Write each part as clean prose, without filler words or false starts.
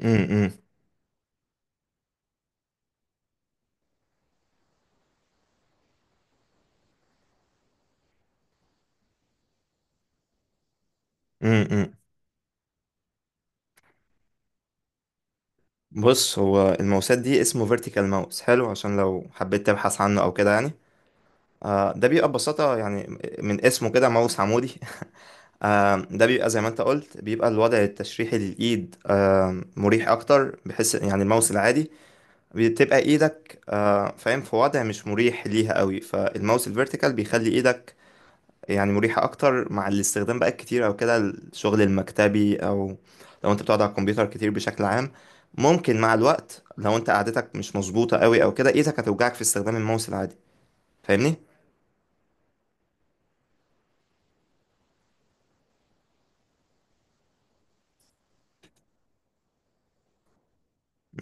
امم امم امم، امم. بص، هو الماوسات دي اسمه فيرتيكال ماوس حلو عشان لو حبيت تبحث عنه او كده يعني. آه، ده بيبقى ببساطة يعني من اسمه كده ماوس عمودي. آه، ده بيبقى زي ما انت قلت، بيبقى الوضع التشريحي للإيد، مريح أكتر بحيث يعني الماوس العادي بتبقى إيدك فاهم في وضع مش مريح ليها قوي، فالماوس الفيرتيكال بيخلي إيدك يعني مريحة أكتر مع الاستخدام بقى الكتير، أو كده الشغل المكتبي، أو لو أنت بتقعد على الكمبيوتر كتير بشكل عام. ممكن مع الوقت لو أنت قعدتك مش مظبوطة قوي أو كده إيدك هتوجعك في استخدام الماوس العادي. فاهمني؟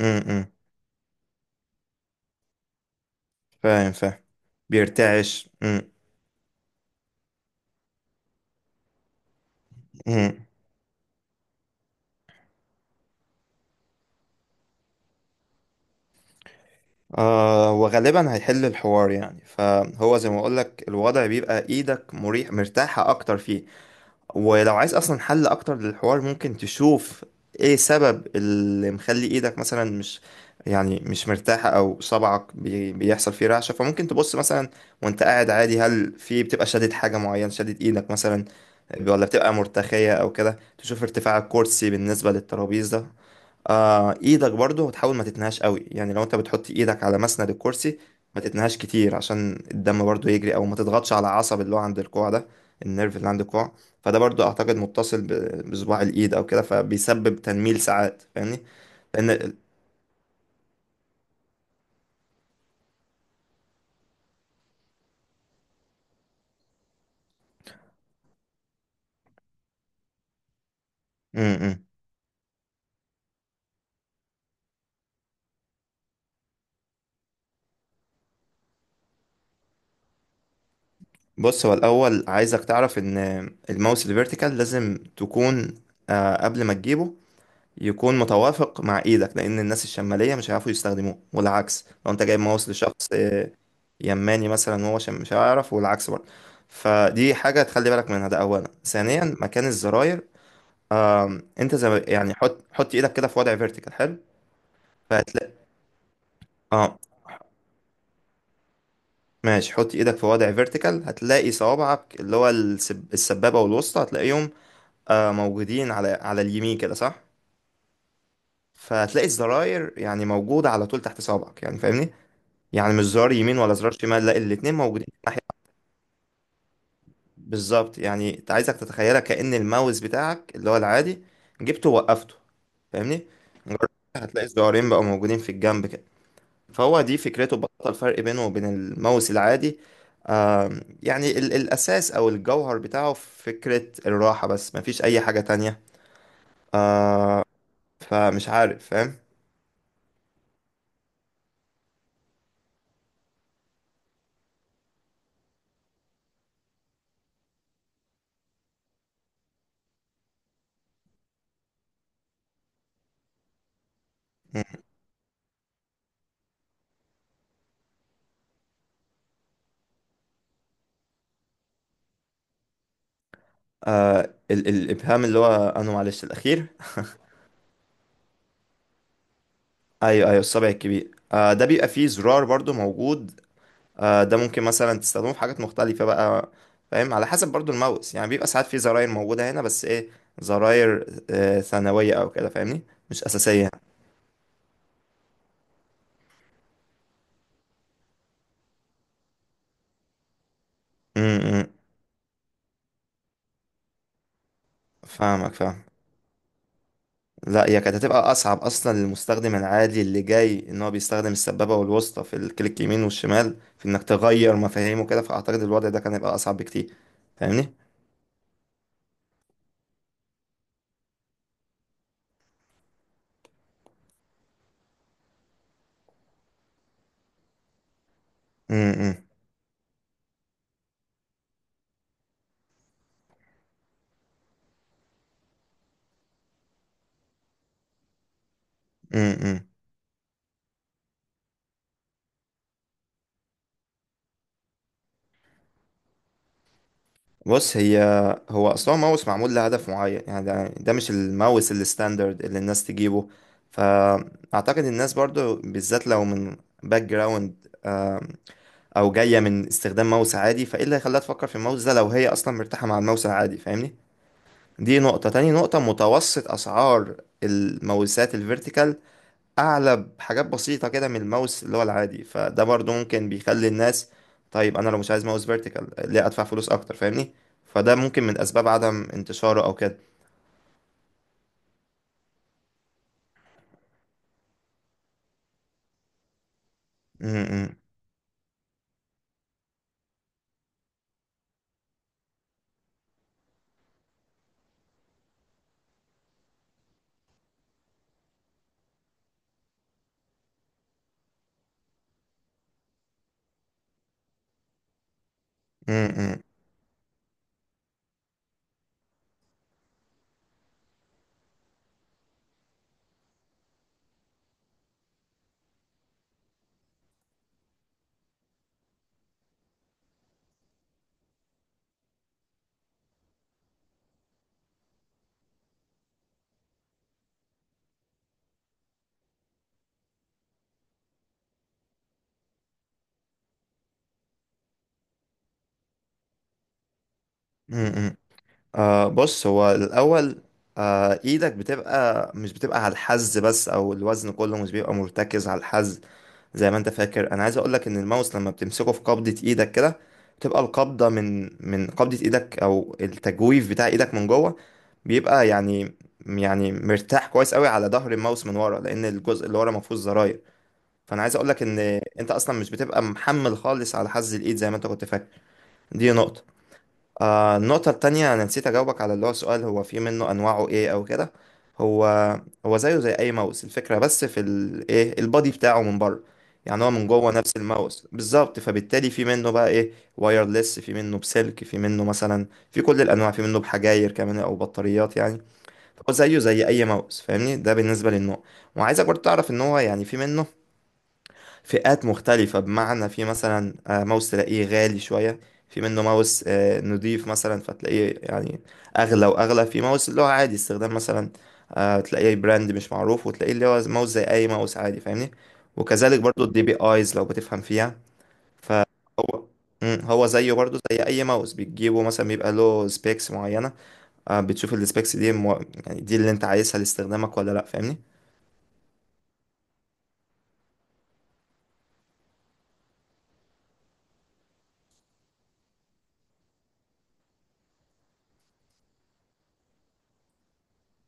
امم، إمم. فاهم فاهم. بيرتعش. امم، إمم. آه، وغالبا هيحل الحوار يعني، فهو زي ما أقولك الوضع بيبقى إيدك مريح، مرتاحة أكتر فيه. ولو عايز اصلا حل اكتر للحوار ممكن تشوف ايه سبب اللي مخلي ايدك مثلا مش، يعني مش مرتاحة، او بيحصل فيه رعشة، فممكن تبص مثلا وانت قاعد عادي، هل في بتبقى شادد حاجة معينة، شادد ايدك مثلا، ولا بتبقى مرتخية او كده. تشوف ارتفاع الكرسي بالنسبة للترابيزة، ايدك برضو، وتحاول ما تتنهاش قوي، يعني لو انت بتحط ايدك على مسند الكرسي ما تتنهاش كتير عشان الدم برضو يجري، او ما تضغطش على عصب اللي هو عند الكوع ده، النيرف اللي عند الكوع. فده برضو اعتقد متصل بصباع الايد او كده، فبيسبب تنميل ساعات، فاهمني. لان ال- م- م. بص، هو الاول عايزك تعرف ان الماوس الفيرتيكال لازم تكون، قبل ما تجيبه، يكون متوافق مع ايدك، لان الناس الشماليه مش هيعرفوا يستخدموه، والعكس لو انت جايب ماوس لشخص يماني مثلا هو، عشان مش هيعرف، والعكس برضه. فدي حاجة تخلي بالك منها، ده أولا. ثانيا، مكان الزراير. أنت زي ما- يعني حط إيدك كده في وضع فيرتيكال حلو، فهتلاقي. اه ماشي، حط إيدك في وضع فيرتيكال، هتلاقي صوابعك اللي هو السبابة والوسطى، هتلاقيهم موجودين على اليمين كده صح. فهتلاقي الزراير يعني موجودة على طول تحت صوابعك، يعني فاهمني، يعني مش زرار يمين ولا زرار شمال، لا الاتنين موجودين. بالظبط، يعني انت عايزك تتخيلها كأن الماوس بتاعك اللي هو العادي جبته ووقفته، فاهمني، مجرد هتلاقي الزرارين بقوا موجودين في الجنب كده. فهو دي فكرته، بطل الفرق بينه وبين الماوس العادي. يعني الأساس أو الجوهر بتاعه في فكرة الراحة بس، مفيش أي حاجة تانية. فمش عارف فاهم. آه، ال الإبهام اللي هو أنا معلش الأخير. أيوه أيوه، الصبع الكبير ده بيبقى فيه زرار برضو موجود، ده ممكن مثلا تستخدمه في حاجات مختلفة بقى فاهم، على حسب برضو الماوس، يعني بيبقى ساعات في زراير موجودة هنا، بس ايه؟ زراير ثانوية او كده فاهمني، مش أساسية. امم، فاهمك فاهم. لا، هي كانت هتبقى أصعب أصلا للمستخدم العادي اللي جاي، إن هو بيستخدم السبابة والوسطى في الكليك يمين والشمال، في إنك تغير مفاهيمه كده، فأعتقد الوضع ده كان هيبقى أصعب بكتير. فاهمني؟ امم، بص هو اصلا ماوس معمول لهدف معين يعني، ده مش الماوس الستاندرد اللي الناس تجيبه. فاعتقد الناس برضو بالذات لو من باك جراوند او جايه من استخدام ماوس عادي، فايه اللي هيخليها تفكر في الماوس ده لو هي اصلا مرتاحه مع الماوس العادي؟ فاهمني. دي نقطه. تاني نقطه، متوسط اسعار الماوسات الفيرتيكال اعلى بحاجات بسيطه كده من الماوس اللي هو العادي، فده برضو ممكن بيخلي الناس، طيب انا لو مش عايز ماوس فيرتيكال ليه ادفع فلوس اكتر؟ فاهمني. فده ممكن من اسباب عدم انتشاره او كده. م- م- م- م- م- م. بص هو الاول، ايدك بتبقى، مش بتبقى على الحز بس، او الوزن كله مش بيبقى مرتكز على الحز. زي ما انت فاكر، انا عايز اقول لك ان الماوس لما بتمسكه في قبضة ايدك كده، بتبقى القبضة من قبضة ايدك، او التجويف بتاع ايدك من جوه، بيبقى يعني، يعني مرتاح كويس قوي على ظهر الماوس من ورا، لان الجزء اللي ورا ما فيهوش زراير. فانا عايز اقول لك ان انت اصلا مش بتبقى محمل خالص على حز الايد زي ما انت كنت فاكر. دي نقطة. آه، النقطة التانية، أنا نسيت أجاوبك على اللي هو سؤال، هو في منه أنواعه إيه أو كده. هو هو زيه زي أي ماوس الفكرة، بس في ال إيه البادي بتاعه من بره. يعني هو من جوه نفس الماوس بالظبط، فبالتالي في منه بقى إيه، وايرلس، في منه بسلك، في منه مثلا في كل الأنواع، في منه بحجاير كمان أو بطاريات يعني. هو زيه زي أي ماوس فاهمني، ده بالنسبة للنوع. وعايزك برضه تعرف إن هو يعني في منه فئات مختلفة، بمعنى في مثلا ماوس تلاقيه غالي شوية، في منه ماوس نضيف مثلا فتلاقيه يعني أغلى وأغلى، في ماوس اللي هو عادي استخدام مثلا تلاقيه براند مش معروف، وتلاقيه اللي هو ماوس زي أي ماوس عادي فاهمني. وكذلك برضو الدي بي آيز لو بتفهم فيها. فهو مم، هو زيه برضو زي أي ماوس بتجيبه مثلا بيبقى له سبيكس معينة، بتشوف السبيكس دي يعني دي اللي أنت عايزها لاستخدامك ولا لأ، فاهمني.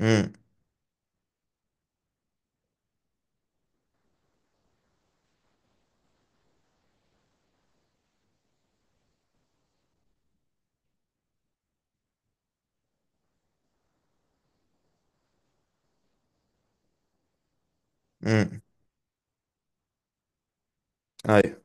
امم، امم، ايوه،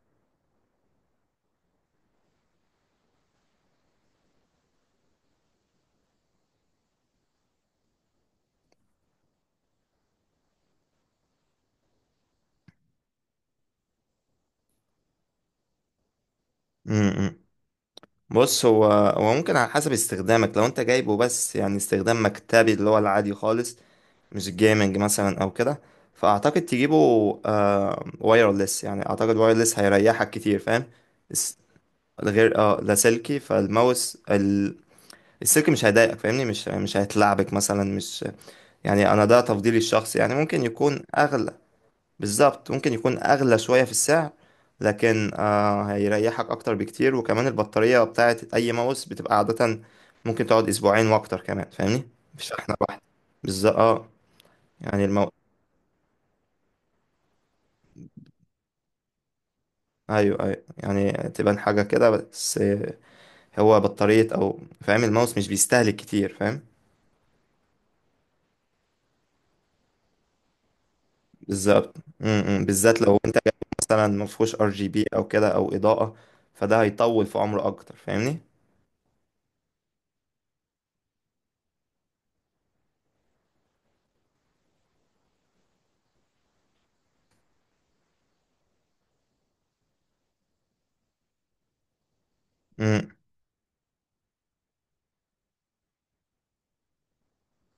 مم، مم. بص هو، هو ممكن على حسب استخدامك، لو انت جايبه بس يعني استخدام مكتبي اللي هو العادي خالص، مش جيمنج مثلا او كده، فاعتقد تجيبه وايرلس، يعني اعتقد وايرلس هيريحك كتير فاهم. الس- غير لا سلكي، السلكي مش هيضايقك، فاهمني مش هيتلعبك مثلا، مش يعني. انا ده تفضيلي الشخصي يعني، ممكن يكون اغلى. بالظبط، ممكن يكون أغلى شوية في السعر، لكن هيريحك أكتر بكتير، وكمان البطارية بتاعة أي ماوس بتبقى عادة ممكن تقعد أسبوعين وأكتر كمان، فاهمني، مش شحنة واحدة. بالظبط اه. يعني المو... أيوه أيوه، يعني تبان حاجة كده بس هو بطارية، أو فاهم الماوس مش بيستهلك كتير فاهم. بالظبط، م- م، بالذات لو أنت مثلا مفهوش ار جي بي أو كده أو إضاءة، فده هيطول في عمره أكتر، فاهمني. إمم،